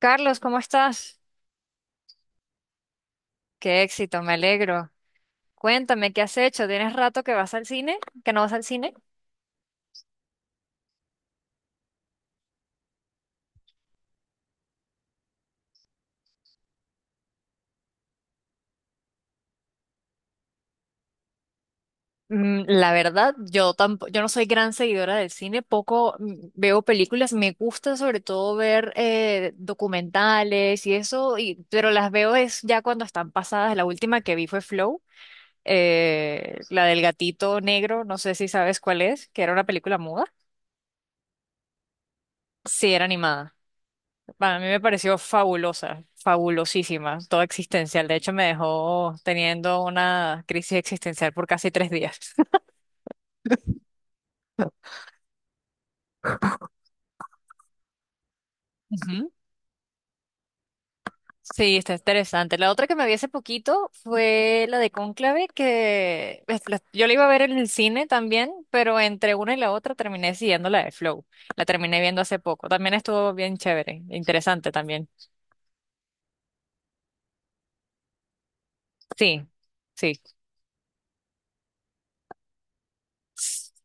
Carlos, ¿cómo estás? Qué éxito, me alegro. Cuéntame, ¿qué has hecho? ¿Tienes rato que vas al cine? ¿Que no vas al cine? Mm, la verdad, yo tampoco, yo no soy gran seguidora del cine, poco, veo películas, me gusta sobre todo ver documentales y eso, y pero las veo es ya cuando están pasadas. La última que vi fue Flow, la del gatito negro, no sé si sabes cuál es, que era una película muda. Sí, era animada. Bueno, a mí me pareció fabulosa, fabulosísima, toda existencial. De hecho, me dejó teniendo una crisis existencial por casi 3 días. Ujú. Sí, está interesante. La otra que me vi hace poquito fue la de Cónclave, yo la iba a ver en el cine también, pero entre una y la otra terminé siguiendo la de Flow. La terminé viendo hace poco. También estuvo bien chévere, interesante también. Sí, sí,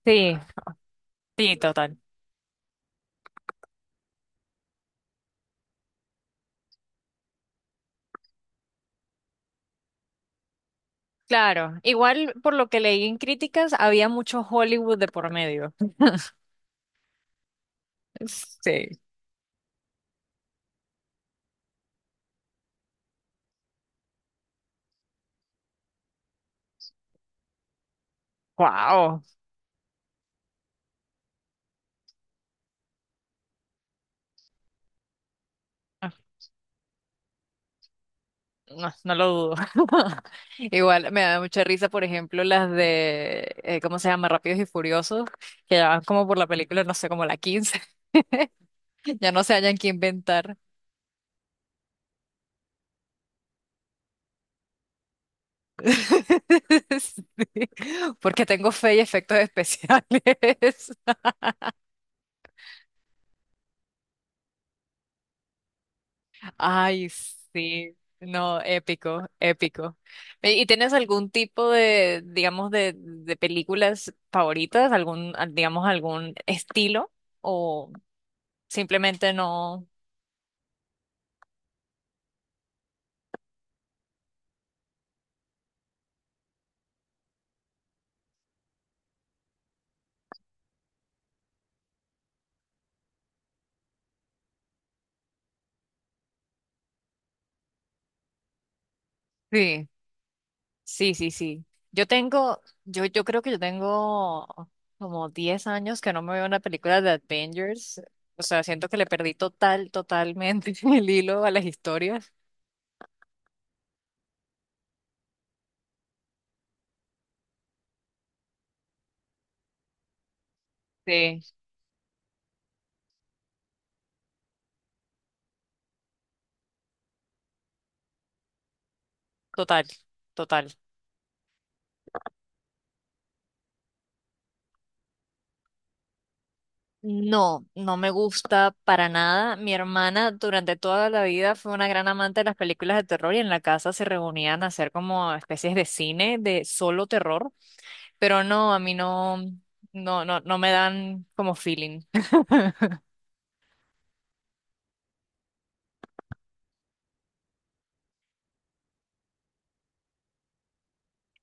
sí, sí, total. Claro, igual por lo que leí en críticas, había mucho Hollywood de por medio. Sí, wow. No, no lo dudo. Igual me da mucha risa, por ejemplo, las de, ¿cómo se llama? Rápidos y Furiosos, que ya van como por la película, no sé, como la 15, ya no se hayan que inventar. Sí, porque tengo fe y efectos especiales. Ay, sí, no, épico, épico. ¿Y tienes algún tipo de, digamos, de películas favoritas, digamos, algún estilo o simplemente no? Sí, sí, sí, sí. Yo creo que yo tengo como 10 años que no me veo una película de Avengers. O sea, siento que le perdí totalmente el hilo a las historias. Sí, total, total. No, no me gusta para nada. Mi hermana durante toda la vida fue una gran amante de las películas de terror y en la casa se reunían a hacer como especies de cine de solo terror, pero no, a mí no, no, no, no me dan como feeling.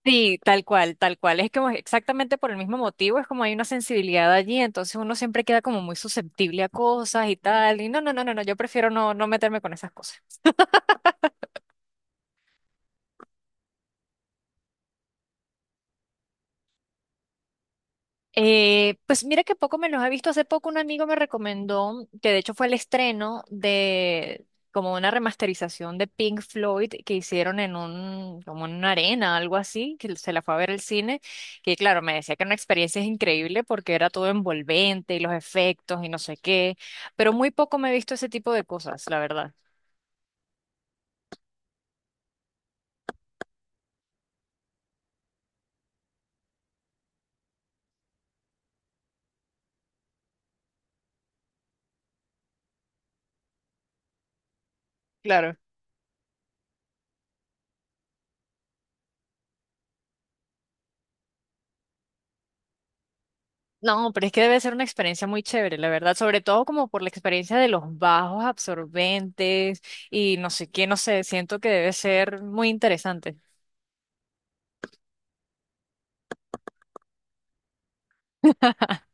Sí, tal cual, tal cual. Es como exactamente por el mismo motivo, es como hay una sensibilidad allí, entonces uno siempre queda como muy susceptible a cosas y tal. Y no, no, no, no, no, yo prefiero no, no meterme con esas cosas. Pues mira que poco me los he visto. Hace poco un amigo me recomendó, que de hecho fue el estreno de como una remasterización de Pink Floyd que hicieron en un, como en una arena, algo así, que se la fue a ver el cine, que claro, me decía que era una experiencia increíble porque era todo envolvente y los efectos y no sé qué, pero muy poco me he visto ese tipo de cosas, la verdad. Claro. No, pero es que debe ser una experiencia muy chévere, la verdad, sobre todo como por la experiencia de los bajos absorbentes y no sé qué, no sé, siento que debe ser muy interesante.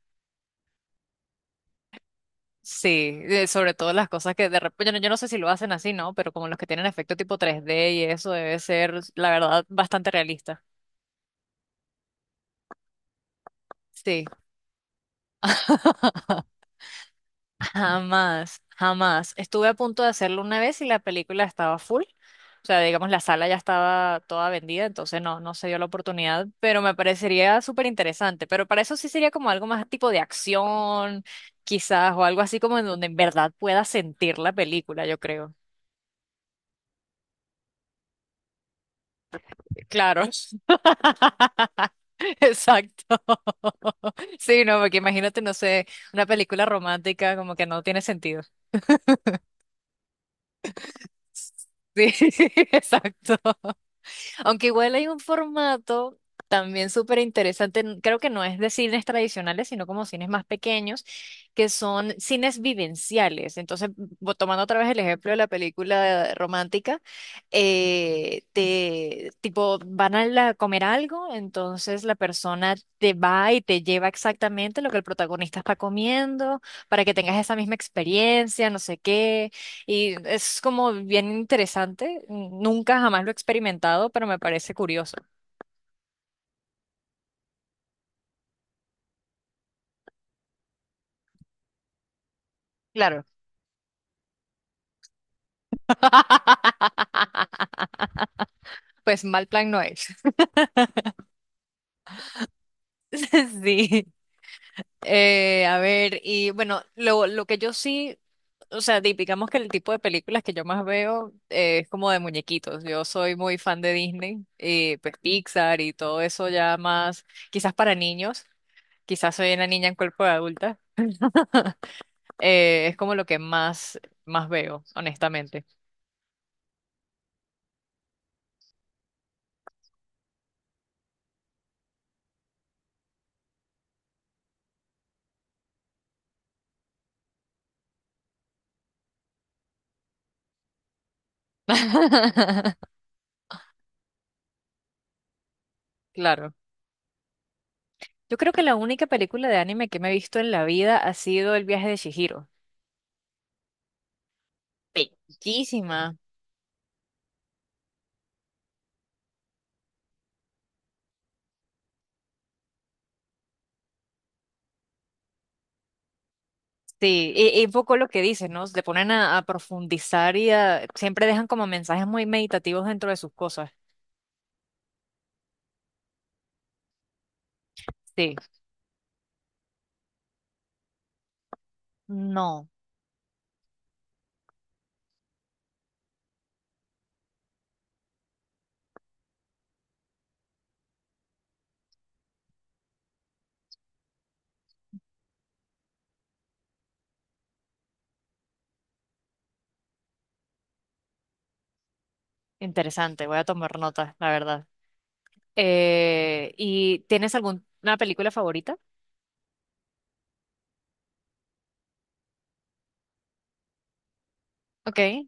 Sí, sobre todo las cosas que de repente, yo no sé si lo hacen así, ¿no? Pero como los que tienen efecto tipo 3D y eso debe ser, la verdad, bastante realista. Sí. Jamás, jamás. Estuve a punto de hacerlo una vez y la película estaba full. O sea, digamos, la sala ya estaba toda vendida, entonces no, no se dio la oportunidad, pero me parecería súper interesante. Pero para eso sí sería como algo más tipo de acción, quizás, o algo así como en donde en verdad pueda sentir la película, yo creo. Claro. Exacto. Sí, no, porque imagínate, no sé, una película romántica como que no tiene sentido. Sí, exacto. Aunque igual hay un formato también súper interesante, creo que no es de cines tradicionales, sino como cines más pequeños, que son cines vivenciales. Entonces, tomando otra vez el ejemplo de la película romántica, tipo, comer algo, entonces la persona te va y te lleva exactamente lo que el protagonista está comiendo, para que tengas esa misma experiencia, no sé qué. Y es como bien interesante. Nunca jamás lo he experimentado, pero me parece curioso. Claro. Pues mal plan no es. Sí. A ver, y bueno, lo que yo sí, o sea, digamos que el tipo de películas que yo más veo es como de muñequitos. Yo soy muy fan de Disney, pues Pixar y todo eso ya más, quizás para niños, quizás soy una niña en cuerpo de adulta. Eh, es como lo que más, más veo, honestamente. Claro. Yo creo que la única película de anime que me he visto en la vida ha sido El viaje de Chihiro. Bellísima. Sí, y un poco lo que dices, ¿no? Le ponen a profundizar siempre dejan como mensajes muy meditativos dentro de sus cosas. Sí, no, interesante, voy a tomar nota, la verdad. ¿Y tienes alguna película favorita? Ok.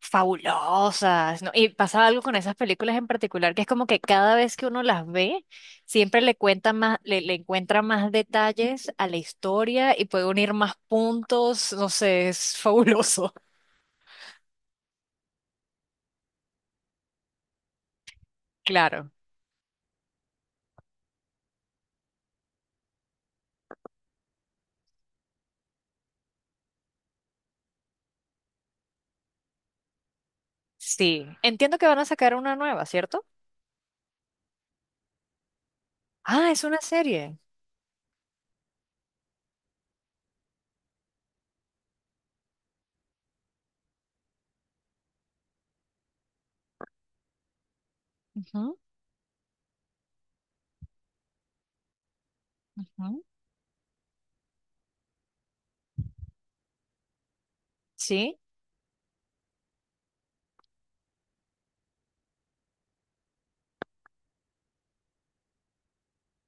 Fabulosas, ¿no? Y pasa algo con esas películas en particular, que es como que cada vez que uno las ve, siempre le cuenta más, le encuentra más detalles a la historia y puede unir más puntos, no sé, es fabuloso. Claro, sí. Entiendo que van a sacar una nueva, ¿cierto? Ah, es una serie. Ujú, ujú. Sí.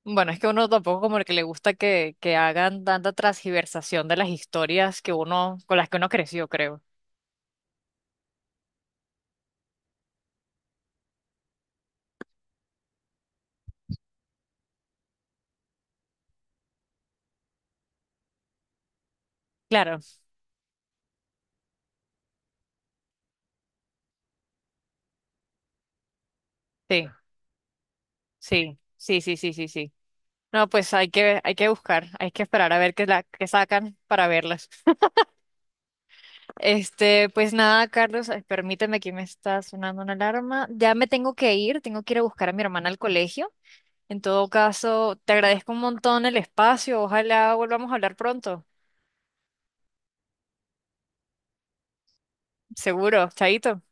Bueno, es que uno tampoco como el que le gusta que hagan tanta transgiversación de las historias que uno, con las que uno creció, creo. Claro, sí, sí, sí, sí, sí, sí, sí. No, pues hay que buscar, hay que esperar a ver qué, la, qué sacan para verlas. Este, pues nada, Carlos, permíteme que me está sonando una alarma. Ya me tengo que ir a buscar a mi hermana al colegio. En todo caso, te agradezco un montón el espacio, ojalá volvamos a hablar pronto. Seguro, chaito.